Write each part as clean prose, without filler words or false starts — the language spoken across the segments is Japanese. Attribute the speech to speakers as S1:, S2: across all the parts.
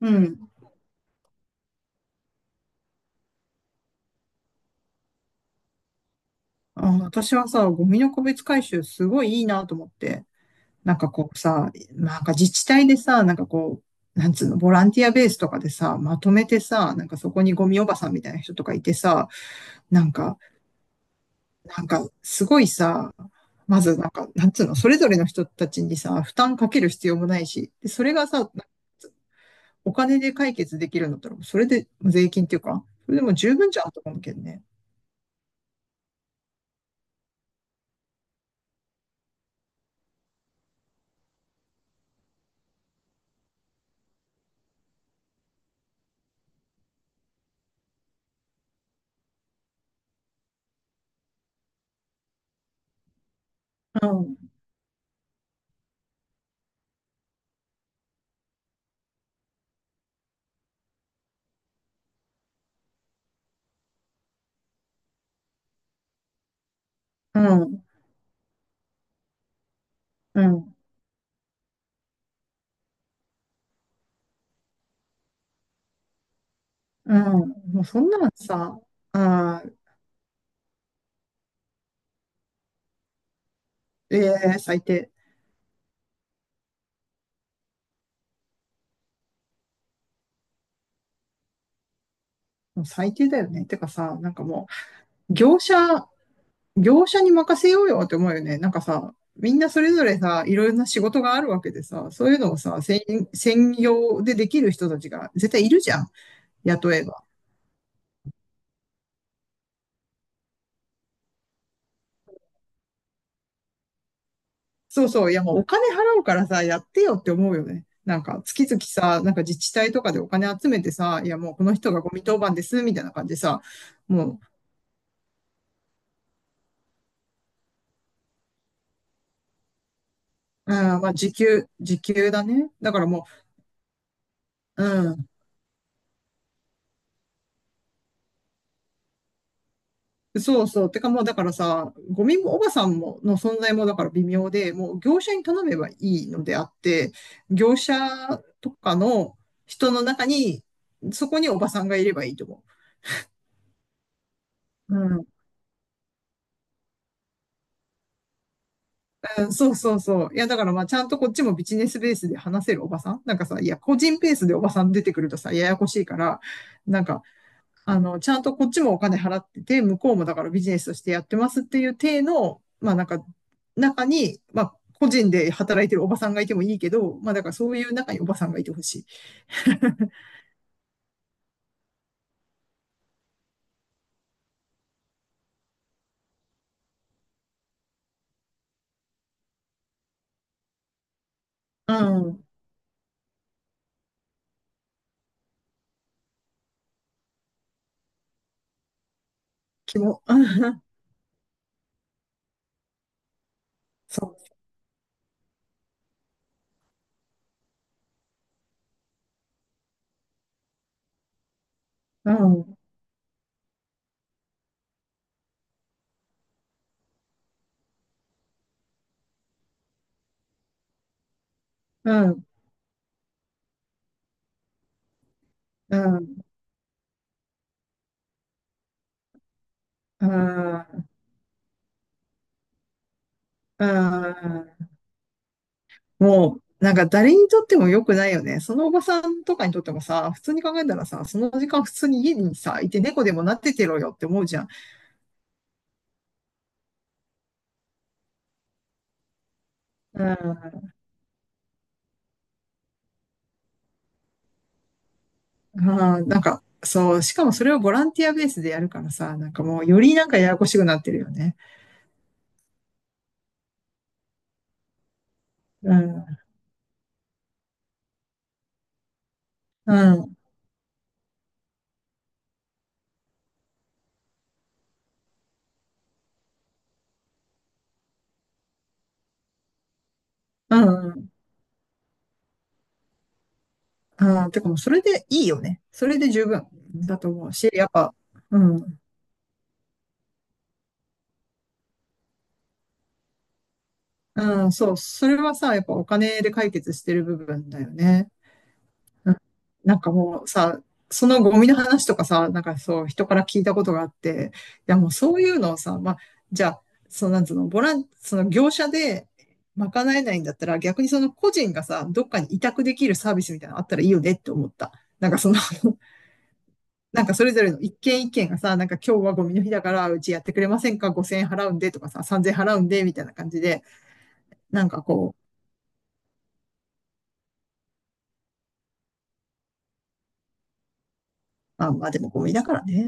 S1: うん。あ、私はさ、ゴミの個別回収すごいいいなと思って。なんかこうさ、なんか自治体でさ、なんかこう、なんつうの、ボランティアベースとかでさ、まとめてさ、なんかそこにゴミおばさんみたいな人とかいてさ、なんか、なんかすごいさ、まずなんか、なんつうの、それぞれの人たちにさ、負担かける必要もないし、で、それがさ、お金で解決できるんだったら、それで税金っていうか、それでも十分じゃんと思うけどね。うん、うん、うん。うん。もうそんなのさ、ああ、ええ最低。もう最低だよね。てかさ、なんかもう、業者に任せようよって思うよね。なんかさ、みんなそれぞれさ、いろいろな仕事があるわけでさ、そういうのをさ、専業でできる人たちが絶対いるじゃん。雇えば。そうそう。いやもうお金払うからさ、やってよって思うよね。なんか、月々さ、なんか自治体とかでお金集めてさ、いやもうこの人がゴミ当番です、みたいな感じでさ、もううん、まあ、時給だね。だからもう、うん、そうそう。てかもう、だからさ、ゴミもおばさんもの存在もだから微妙で、もう業者に頼めばいいのであって、業者とかの人の中に、そこにおばさんがいればいいと思う。うん、うん、そうそうそう。いや、だからまあ、ちゃんとこっちもビジネスベースで話せるおばさんなんかさ、いや、個人ベースでおばさん出てくるとさ、ややこしいから、なんか、あの、ちゃんとこっちもお金払ってて、向こうもだからビジネスとしてやってますっていう体の、まあなんか、中に、まあ、個人で働いてるおばさんがいてもいいけど、まあだからそういう中におばさんがいてほしい。うん、気も、うん、そう、うん、うん、うん、うん、うん、もう、なんか誰にとっても良くないよね。そのおばさんとかにとってもさ、普通に考えたらさ、その時間普通に家にさ、いて猫でもなっててろよって思うじゃん。うん。ああ、なんか、そう、しかもそれをボランティアベースでやるからさ、なんかもうよりなんかややこしくなってるよね。うん、うん、うん、うん。あーてかもうそれでいいよね。それで十分だと思うし、やっぱ、うん、うん、そう、それはさ、やっぱお金で解決してる部分だよね。ななんかもうさ、そのゴミの話とかさ、なんかそう、人から聞いたことがあって、いやもうそういうのをさ、まあ、じゃあ、そのなんつうの、ボラン、その業者で賄えないんだったら、逆にその個人がさ、どっかに委託できるサービスみたいなのあったらいいよねって思った。なんかその なんかそれぞれの一件一件がさ、なんか今日はゴミの日だから、うちやってくれませんか？ 5000 円払うんでとかさ、3000円払うんでみたいな感じで、なんかこう、まあ、まあでもゴミだからね。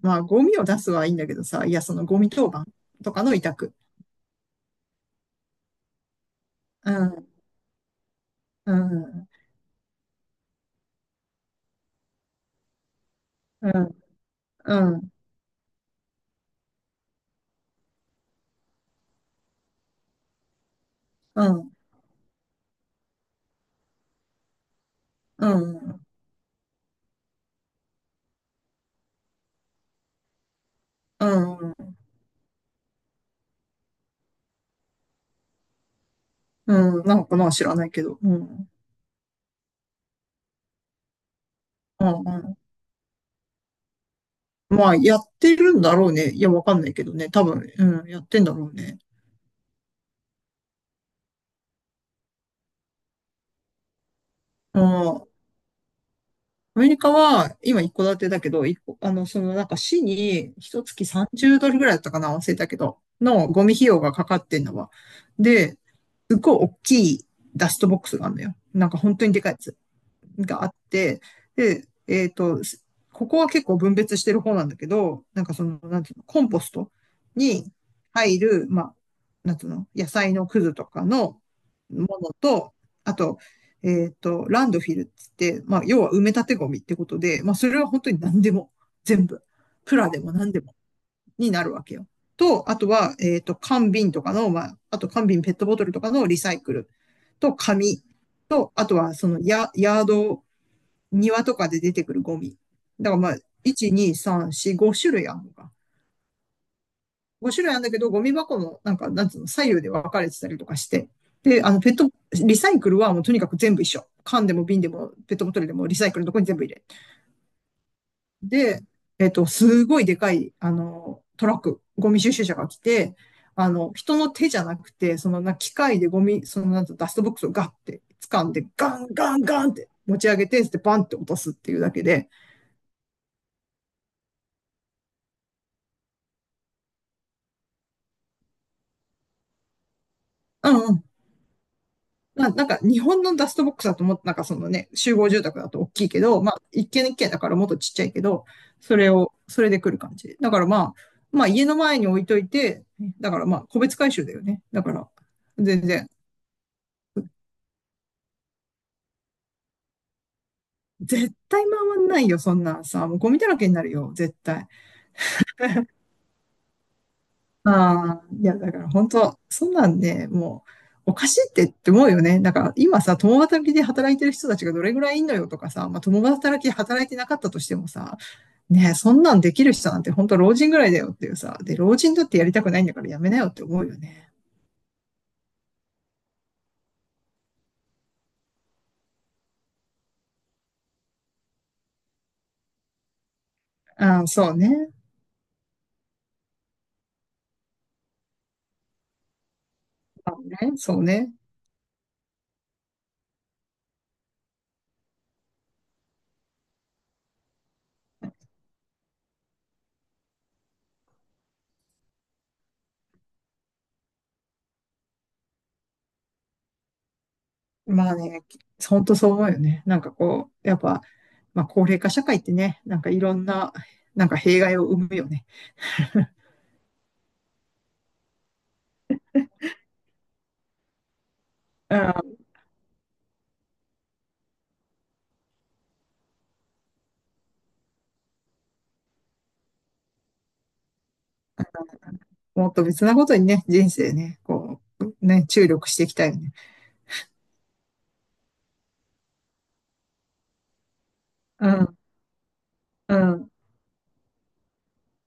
S1: まあ、ゴミを出すはいいんだけどさ、いや、そのゴミ当番とかの委託。うん、うん、うん、うん、うん、うん、うん、うん、なんかな、知らないけど。うん、うん、うん。まあ、やってるんだろうね。いや、わかんないけどね。多分、うん、やってんだろうね。うん。アメリカは、今一戸建てだけど、一戸あの、そのなんか市に一月30ドルぐらいだったかな、忘れたけど、のゴミ費用がかかってんのは。で、すっごい大きいダストボックスがあるのよ。なんか本当にでかい。があって、で、えっと、ここは結構分別してる方なんだけど、なんかその、なんていうの、コンポストに入る、まあ、なんていうの、野菜のくずとかのものと、あと、えっと、ランドフィルっつって、まあ、要は埋め立てゴミってことで、まあ、それは本当に何でも、全部、プラでも何でもになるわけよ。と、あとは、えっと、缶瓶とかの、まあ、あと缶瓶ペットボトルとかのリサイクルと紙と、あとはそのヤード庭とかで出てくるゴミ。だからまあ、1、2、3、4、5種類あるのか。5種類あるんだけど、ゴミ箱もなんか、なんつうの、左右で分かれてたりとかして。で、あの、ペット、リサイクルはもうとにかく全部一緒。缶でも瓶でもペットボトルでもリサイクルのとこに全部入れ。で、えっと、すごいでかい、あの、トラック、ゴミ収集車が来て、あの、人の手じゃなくて、そのな、機械でゴミ、そのなんとダストボックスをガッて掴んで、ガンガンガンって持ち上げて、でバンって落とすっていうだけで、うんうん、まあ、なんか日本のダストボックスだともっとなんかそのね、集合住宅だと大きいけど、まあ一軒一軒だからもっとちっちゃいけど、それを、それで来る感じ。だからまあ、まあ家の前に置いといて、だからまあ個別回収だよね。だから、全然。絶対回んないよ、そんなんさ。もうゴミだらけになるよ、絶対。ああ、いや、だから本当、そんなんね、もう、おかしいって思うよね。だから今さ、共働きで働いてる人たちがどれぐらいいんのよとかさ、まあ、共働きで働いてなかったとしてもさ、ねえ、そんなんできる人なんて本当老人ぐらいだよっていうさ。で、老人だってやりたくないんだからやめなよって思うよね。ああ、そうね。そうね。まあね、本当そう思うよね。なんかこう、やっぱ、まあ高齢化社会ってね、なんかいろんな、なんか弊害を生むよね。うんもっと別なことにね、人生ね、こう、ね、注力していきたいよね。うん、うん。